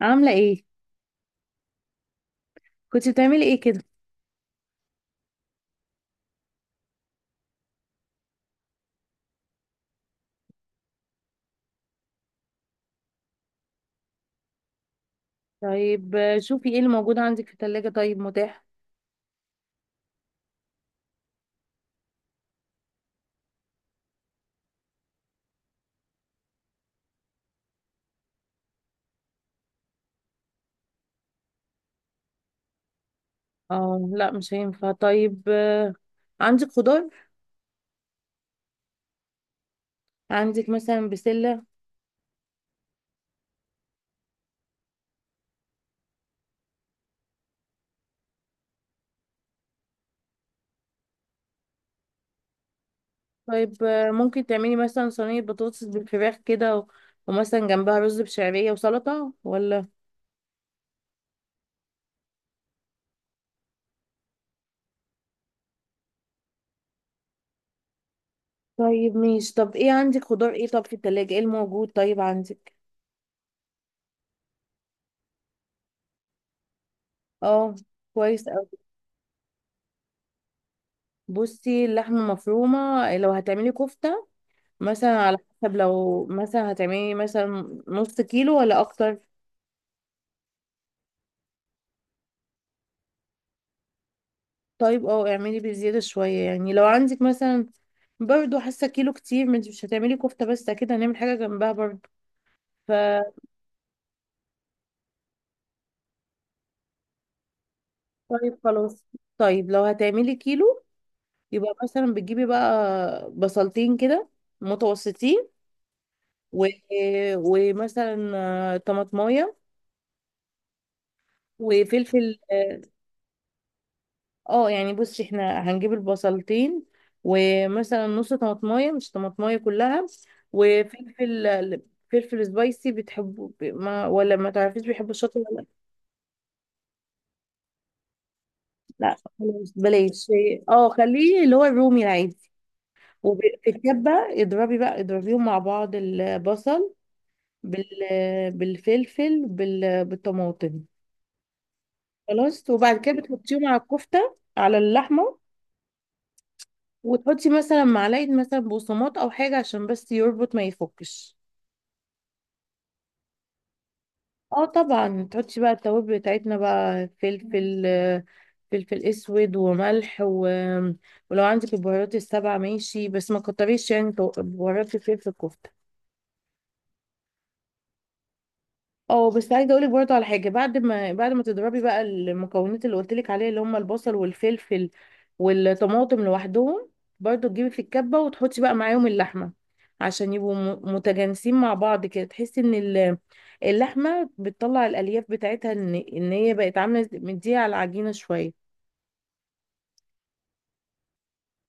عاملة ايه؟ كنت بتعملي ايه كده؟ طيب، شوفي ايه اللي موجود عندك في التلاجة طيب متاح. اه لا، مش هينفع. طيب، عندك خضار؟ عندك مثلا بسلة؟ طيب، ممكن تعملي مثلا صينية بطاطس بالفراخ كده ومثلا جنبها رز بشعرية وسلطة، ولا؟ طيب ماشي، طب ايه عندك خضار؟ ايه طب في التلاجة ايه الموجود؟ طيب عندك. اه، كويس اوي. بصي، اللحمة مفرومة، لو هتعملي كفتة، مثلا على حسب، لو مثلا هتعملي مثلا نص كيلو ولا اكتر؟ طيب، اه، اعملي بزيادة شوية يعني، لو عندك مثلا برضو حاسة كيلو كتير، ما انت مش هتعملي كفتة بس، اكيد هنعمل حاجة جنبها برضو. ف طيب خلاص. طيب لو هتعملي كيلو، يبقى مثلا بتجيبي بقى بصلتين كده، متوسطين، و... ومثلا طماطمايه، وفلفل، اه، يعني بصي احنا هنجيب البصلتين، ومثلا نص طماطمايه، مش طماطمايه كلها. وفلفل، فلفل سبايسي بتحبه ما، ولا ما تعرفيش بيحبوا الشطه ولا لا؟ لا، خلاص بلاش. اه، خليه اللي هو الرومي العادي. وفي الكبه، اضربيهم مع بعض، البصل بال بالفلفل بالطماطم. خلاص، وبعد كده بتحطيهم على الكفته، على اللحمه، وتحطي مثلا معلقة مثلا بقسماط أو حاجة عشان بس يربط ما يفكش. اه، طبعا تحطي بقى التوابل بتاعتنا بقى، فلفل، فلفل اسود وملح، ولو عندك البهارات السبعة ماشي، بس ما كتريش يعني، بهارات الفلفل الكفتة. اه بس عايزه اقولك برضه على حاجه، بعد ما تضربي بقى المكونات اللي قلتلك عليها، اللي هم البصل والفلفل والطماطم لوحدهم، برضه تجيبي في الكبه وتحطي بقى معاهم اللحمه، عشان يبقوا متجانسين مع بعض كده. تحسي ان اللحمه بتطلع الالياف بتاعتها، ان هي بقت عامله مديها على العجينه شويه.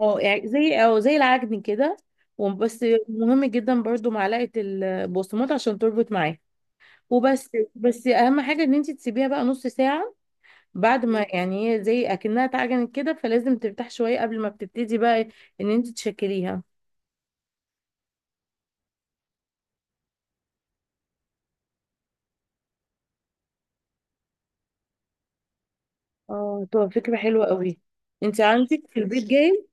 اه، يعني زي او زي العجن كده. وبس، مهم جدا برضه معلقه البقسماط عشان تربط معاها. وبس. بس اهم حاجه ان انت تسيبيها بقى نص ساعه، بعد ما يعني هي زي اكنها اتعجنت كده، فلازم ترتاح شويه قبل ما بتبتدي بقى ان انت تشكليها. اه، طب فكره حلوه قوي. انت عندك في البيت جاي؟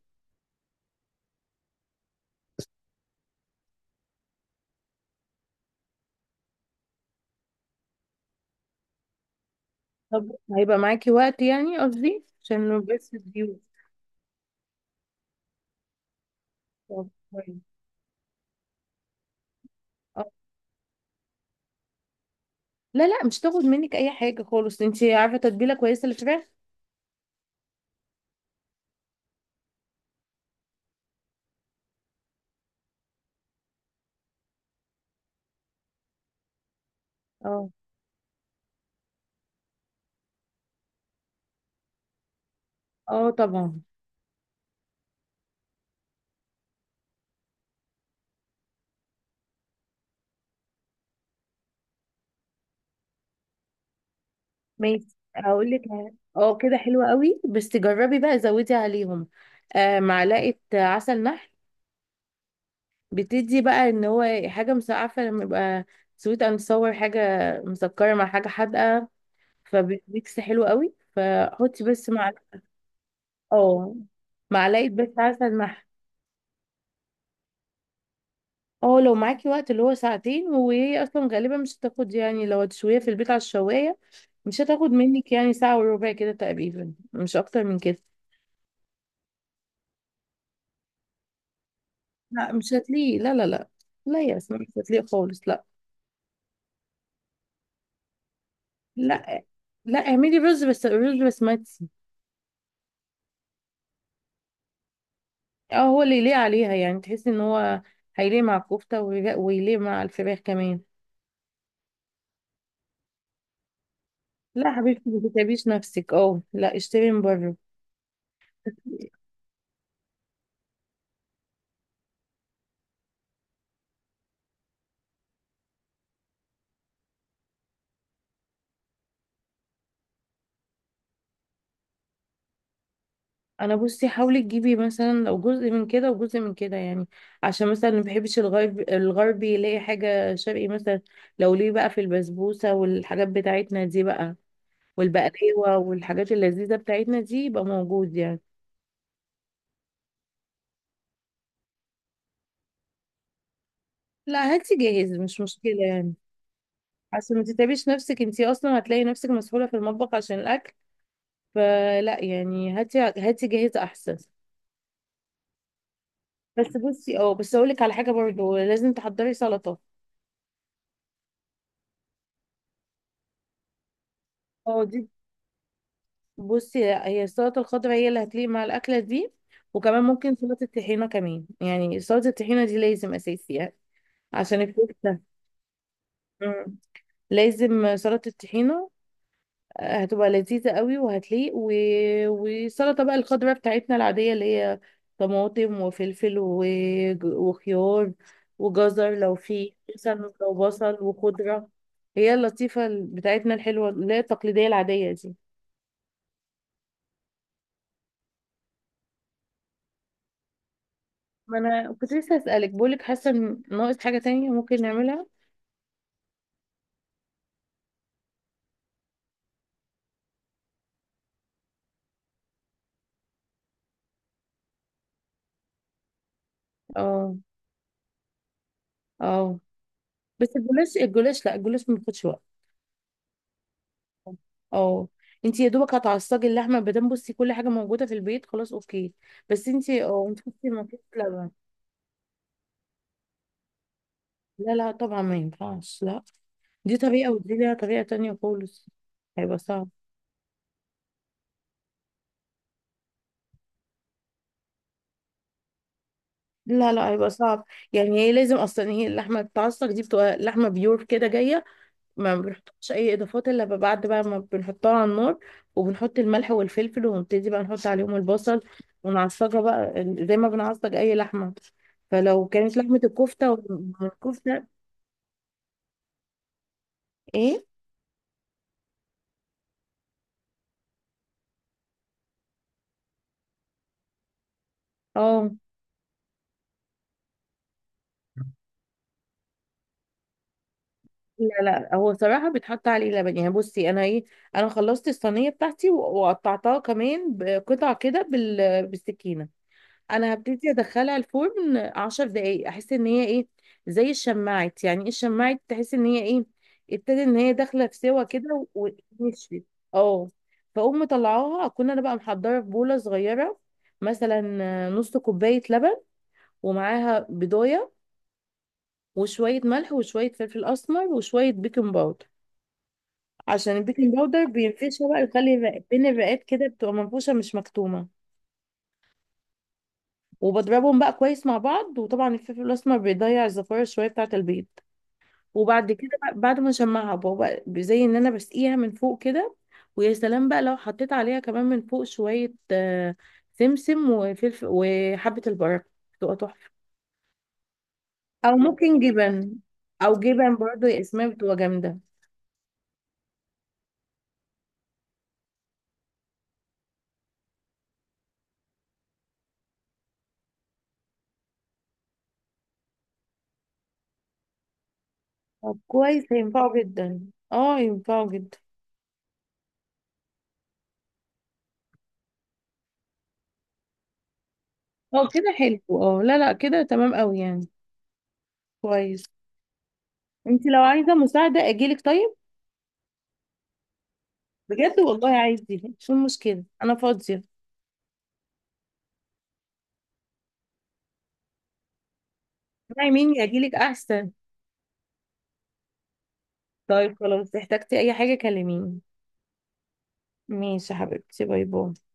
طب هيبقى معاكي وقت يعني؟ قصدي عشان بس الضيوف. طب كويس. اه، لا لا، مش تاخد منك اي حاجه خالص، انت عارفه تتبيله كويسه للفراخ. اه، اه، طبعا ماشي، هقول لك. اه، كده حلوه قوي بس جربي بقى، زودي عليهم معلقه عسل نحل، بتدي بقى ان هو حاجه. عارفه لما يبقى سويت اند صور، حاجه مسكره مع حاجه حادقه، فبيكس حلو قوي، فحطي بس مع. اه، معلقه بس عسل نحل. اه، لو معاكي وقت اللي هو ساعتين، وهي اصلا غالبا مش هتاخد يعني، لو هتشويها في البيت على الشوايه مش هتاخد منك يعني ساعه وربع كده تقريبا، مش اكتر من كده. لا مش هتلاقيه، لا لا لا. لا يا اسماء، مش هتلاقيه خالص، لا لا. لا، اعملي رز بس، رز بسمتي. اه هو اللي يليق عليها يعني، تحسي ان هو هيليق مع الكفتة، ويليق مع الفراخ كمان. لا حبيبتي، ما تتعبيش نفسك، اه لا، اشتري من بره. انا بصي، حاولي تجيبي مثلا لو جزء من كده وجزء من كده يعني، عشان مثلا ما بحبش الغرب الغربي يلاقي حاجة شرقي مثلا، لو ليه بقى في البسبوسة والحاجات بتاعتنا دي بقى والبقلاوة والحاجات اللذيذة بتاعتنا دي، يبقى موجود يعني. لا هاتي جاهز، مش مشكلة يعني، عشان ما تتعبيش نفسك، انتي اصلا هتلاقي نفسك مسحولة في المطبخ عشان الاكل. فلا يعني، هاتي هاتي جاهزة أحسن. بس بصي، اه، بس أقولك على حاجة برضو، لازم تحضري سلطة. اه دي، بصي هي السلطة الخضراء هي اللي هتليق مع الأكلة دي، وكمان ممكن سلطة الطحينة كمان، يعني سلطة الطحينة دي لازم أساسي يعني، عشان الكفتة. مم. لازم سلطة الطحينة، هتبقى لذيذة قوي وهتليق، والسلطة بقى الخضراء بتاعتنا العادية اللي هي طماطم وفلفل وخيار وجزر لو في مثلا، وبصل وخضرة، هي اللطيفة بتاعتنا الحلوة اللي هي التقليدية العادية دي. ما انا كنت لسه اسألك، بقولك حاسة ان ناقص حاجة تانية ممكن نعملها؟ اه، اه، بس الجلاش، الجلاش لا الجلاش ما بياخدش وقت. اه، انت يا دوبك هتعصجي اللحمه، ما دام بصي كل حاجه موجوده في البيت، خلاص اوكي. بس انت بصي ما فيش لبن. لا لا، طبعا ما ينفعش، لا. دي طريقه، ودي ليها طريقه تانية خالص. هيبقى صعب. لا لا، هيبقى صعب. يعني هي لازم اصلا، هي اللحمه بتتعصج دي بتبقى لحمه بيور كده جايه، ما بنحطش اي اضافات الا بعد بقى ما بنحطها على النار، وبنحط الملح والفلفل، ونبتدي بقى نحط عليهم البصل، ونعصجها بقى زي ما بنعصج اي لحمه، فلو كانت لحمة الكفتة والكفتة، ايه؟ اه، لا لا، هو صراحة بيتحط عليه لبن. يعني بصي انا ايه، انا خلصت الصينية بتاعتي وقطعتها كمان بقطع كده بالسكينة. انا هبتدي ادخلها الفرن عشر دقايق، احس ان هي ايه، زي الشماعة، يعني ايه الشماعة؟ تحس ان هي ايه، ابتدي ان هي داخلة في سوا كده ونشفت. اه، فاقوم مطلعاها، اكون انا بقى محضرة في بولة صغيرة مثلا نص كوباية لبن، ومعاها بيضاية، وشوية ملح وشوية فلفل أسمر وشوية بيكنج باودر، عشان البيكنج باودر بينفشها بقى، يخلي بين الرقات كده بتبقى منفوشة مش مكتومة. وبضربهم بقى كويس مع بعض، وطبعا الفلفل الأسمر بيضيع الزفارة شوية بتاعة البيض. وبعد كده بقى، بعد ما نشمعها بقى، بقى زي إن أنا بسقيها من فوق كده. ويا سلام بقى لو حطيت عليها كمان من فوق شوية سمسم وفلفل وحبة البركة، بتبقى تحفة. أو ممكن جبن، أو جبن برضه يا إسماء، بتبقى جامدة. طب كويس، هينفعه جدا. اه، ينفعه جدا. اه كده حلو، اه لا لا، كده تمام قوي يعني. كويس. انت لو عايزة مساعدة اجيلك، طيب؟ بجد والله عايزة، شو المشكلة؟ انا فاضية. اسمعي مني، اجيلك احسن. طيب خلاص، احتجتي اي حاجة كلميني. ماشي يا حبيبتي، باي باي.